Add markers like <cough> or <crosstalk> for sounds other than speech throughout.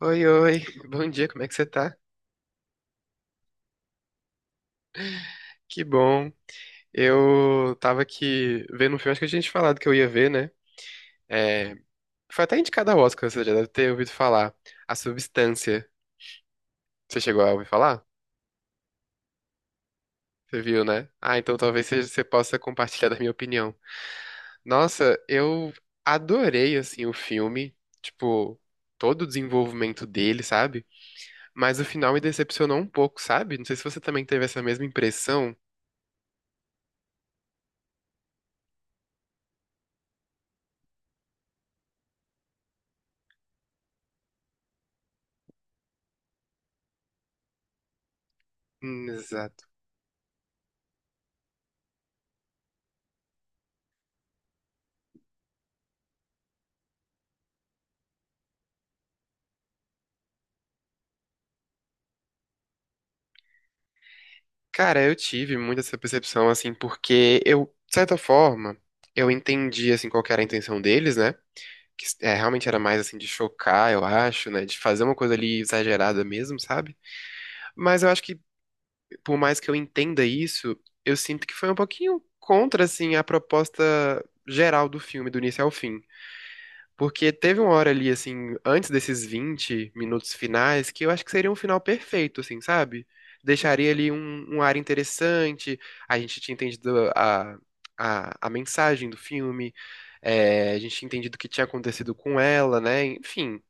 Oi, oi, bom dia, como é que você tá? Que bom. Eu tava aqui vendo um filme, acho que eu tinha te falado que eu ia ver, né? É, foi até indicado ao Oscar, você já deve ter ouvido falar. A Substância. Você chegou a ouvir falar? Você viu, né? Ah, então talvez você possa compartilhar da minha opinião. Nossa, eu adorei, assim, o filme. Tipo, todo o desenvolvimento dele, sabe? Mas o final me decepcionou um pouco, sabe? Não sei se você também teve essa mesma impressão. Exato. Cara, eu tive muito essa percepção, assim, porque eu, de certa forma, eu entendi, assim, qual que era a intenção deles, né? Que é, realmente era mais, assim, de chocar, eu acho, né? De fazer uma coisa ali exagerada mesmo, sabe? Mas eu acho que, por mais que eu entenda isso, eu sinto que foi um pouquinho contra, assim, a proposta geral do filme, do início ao fim. Porque teve uma hora ali, assim, antes desses 20 minutos finais, que eu acho que seria um final perfeito, assim, sabe? Deixaria ali um ar interessante, a gente tinha entendido a mensagem do filme, é, a gente tinha entendido o que tinha acontecido com ela, né? Enfim,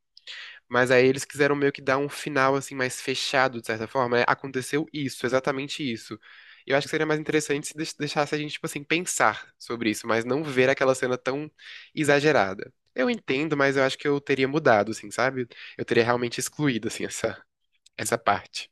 mas aí eles quiseram meio que dar um final assim mais fechado, de certa forma, né? Aconteceu isso, exatamente isso. Eu acho que seria mais interessante se deixasse a gente, tipo assim, pensar sobre isso, mas não ver aquela cena tão exagerada. Eu entendo, mas eu acho que eu teria mudado, assim, sabe? Eu teria realmente excluído, assim, essa parte.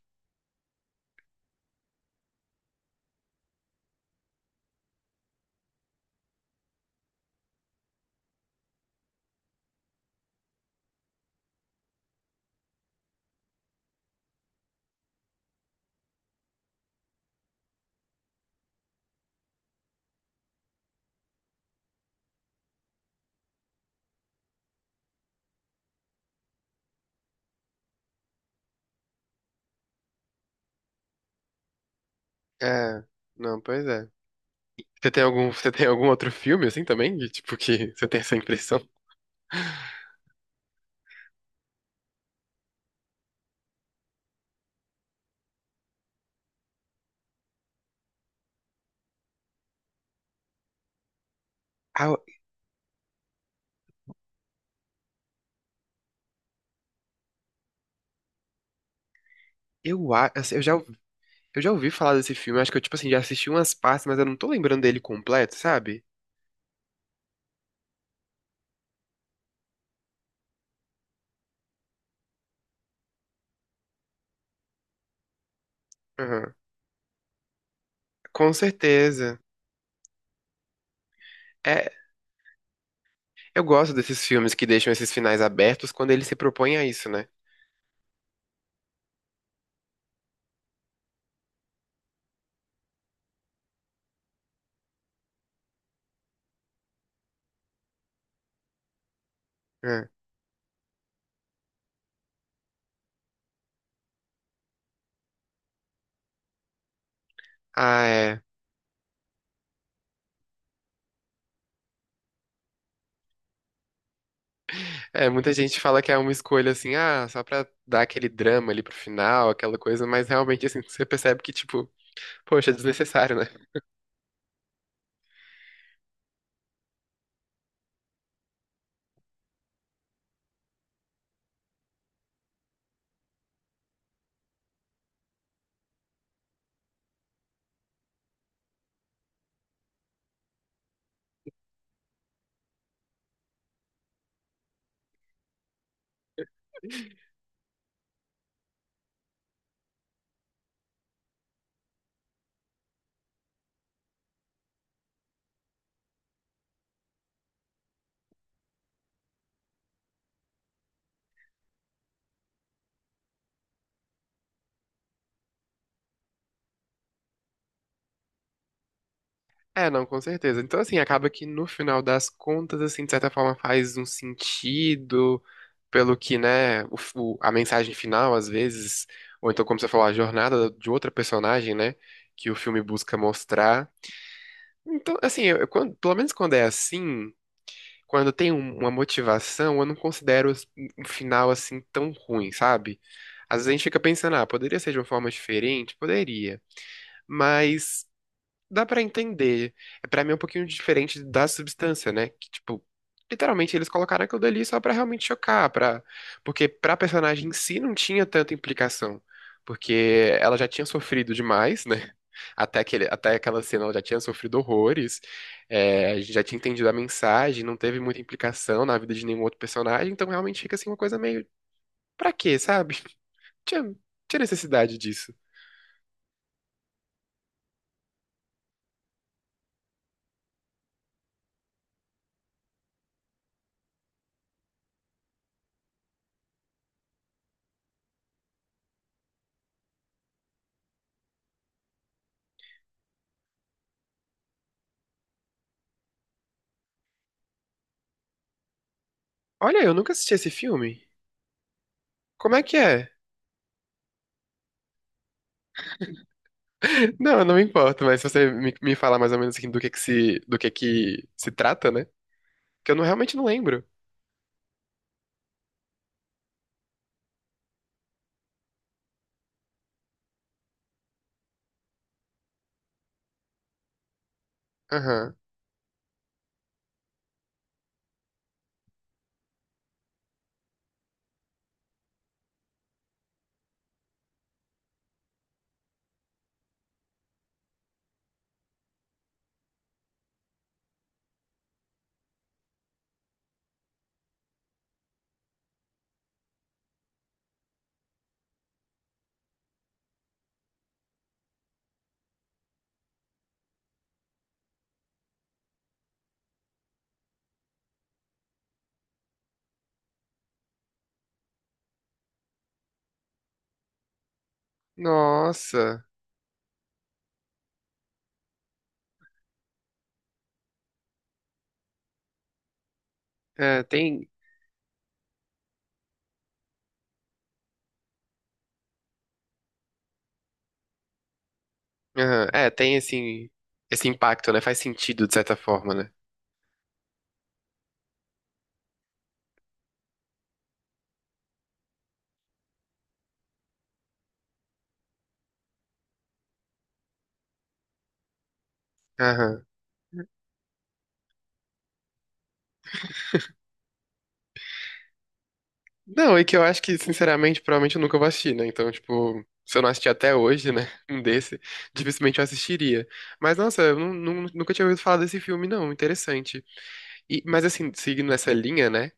É, não, pois é. Você tem algum outro filme, assim, também? Que, tipo, que você tem essa impressão? Ah, eu, a- assim, eu já, eu já ouvi falar desse filme, acho que eu, tipo assim, já assisti umas partes, mas eu não tô lembrando dele completo, sabe? Aham. Com certeza. É, eu gosto desses filmes que deixam esses finais abertos quando ele se propõe a isso, né? É. Ah, é. É, muita gente fala que é uma escolha assim, ah, só pra dar aquele drama ali pro final, aquela coisa, mas realmente, assim, você percebe que, tipo, poxa, é desnecessário, né? É, não, com certeza. Então, assim, acaba que no final das contas, assim, de certa forma faz um sentido pelo que, né, a mensagem final, às vezes, ou então, como você falou, a jornada de outra personagem, né, que o filme busca mostrar. Então, assim, pelo menos quando é assim, quando tem uma motivação, eu não considero um final, assim, tão ruim, sabe? Às vezes a gente fica pensando, ah, poderia ser de uma forma diferente? Poderia. Mas dá pra entender. É, pra mim é um pouquinho diferente da substância, né? Que, tipo, literalmente eles colocaram aquilo dali só pra realmente chocar, pra... porque pra personagem em si não tinha tanta implicação. Porque ela já tinha sofrido demais, né? <laughs> Até aquela cena ela já tinha sofrido horrores, é, a gente já tinha entendido a mensagem, não teve muita implicação na vida de nenhum outro personagem, então realmente fica assim uma coisa meio. Pra quê, sabe? <laughs> Tinha, tinha necessidade disso. Olha, eu nunca assisti esse filme. Como é que é? Não, eu não me importo, mas se você me falar mais ou menos assim, do que se trata, né? Que eu não, realmente não lembro. Aham. Nossa. É, tem. Aham. É, tem assim, esse impacto, né? Faz sentido de certa forma, né? Aham. Não, e que eu acho que, sinceramente, provavelmente eu nunca vou assistir, né? Então, tipo, se eu não assistir até hoje, né? <laughs> Um desse, dificilmente eu assistiria. Mas, nossa, eu nunca tinha ouvido falar desse filme, não. Interessante. E- mas assim, seguindo essa linha, né?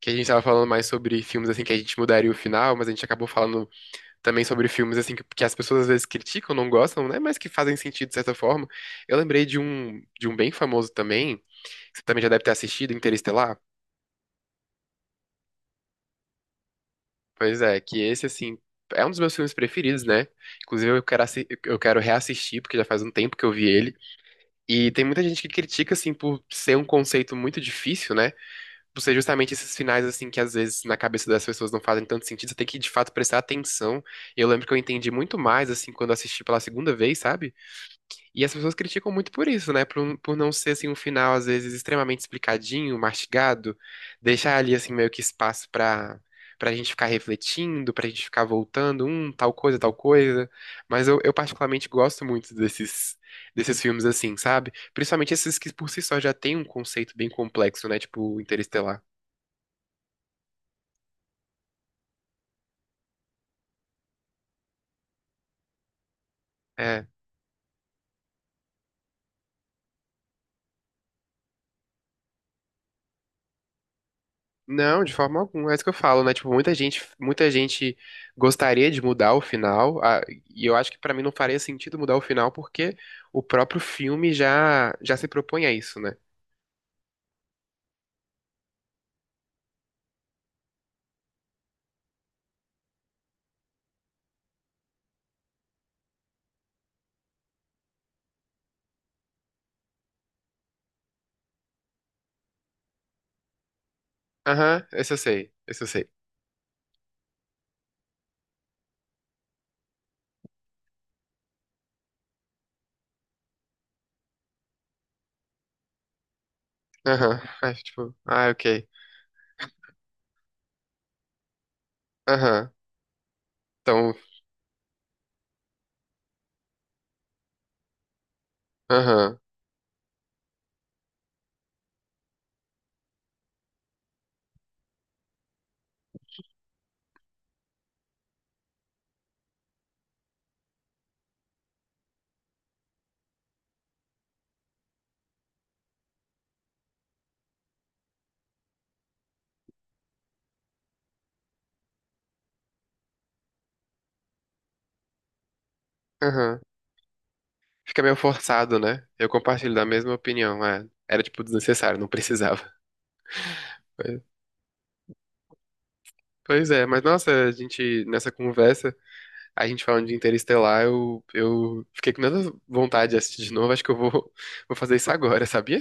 Que a gente tava falando mais sobre filmes assim que a gente mudaria o final, mas a gente acabou falando também sobre filmes assim que as pessoas às vezes criticam, não gostam, né? Mas que fazem sentido de certa forma. Eu lembrei de um bem famoso também, que você também já deve ter assistido, Interestelar. Pois é, que esse assim é um dos meus filmes preferidos, né? Inclusive eu quero reassistir porque já faz um tempo que eu vi ele. E tem muita gente que critica assim por ser um conceito muito difícil, né? Por ser justamente esses finais, assim, que às vezes na cabeça das pessoas não fazem tanto sentido, você tem que de fato prestar atenção. Eu lembro que eu entendi muito mais, assim, quando assisti pela segunda vez, sabe? E as pessoas criticam muito por isso, né? Por, por não ser, assim, um final, às vezes, extremamente explicadinho, mastigado, deixar ali, assim, meio que espaço pra gente ficar refletindo, pra gente ficar voltando, tal coisa, tal coisa. Mas eu particularmente gosto muito desses, desses filmes, assim, sabe? Principalmente esses que por si só já têm um conceito bem complexo, né? Tipo, Interestelar. É. Não, de forma alguma, é isso que eu falo, né? Tipo, muita gente gostaria de mudar o final, a- e eu acho que pra mim não faria sentido mudar o final porque o próprio filme já se propõe a isso, né? Aham, esse eu sei, esse eu sei. Aham, é, tipo, ah, ok. Aham, então, aham, aham. Fica meio forçado, né? Eu compartilho da mesma opinião, é. Era, tipo, desnecessário, não precisava. <laughs> Pois pois é, mas nossa, a gente, nessa conversa. A gente falando de Interestelar, eu fiquei com tanta vontade de assistir de novo. Acho que eu vou, <laughs> vou fazer isso agora, sabia?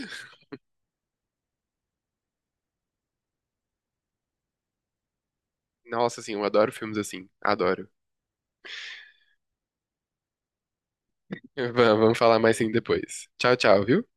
Nossa, assim, eu adoro filmes assim. Adoro. <laughs> Vamos vamos falar mais sim depois. Tchau, tchau, viu?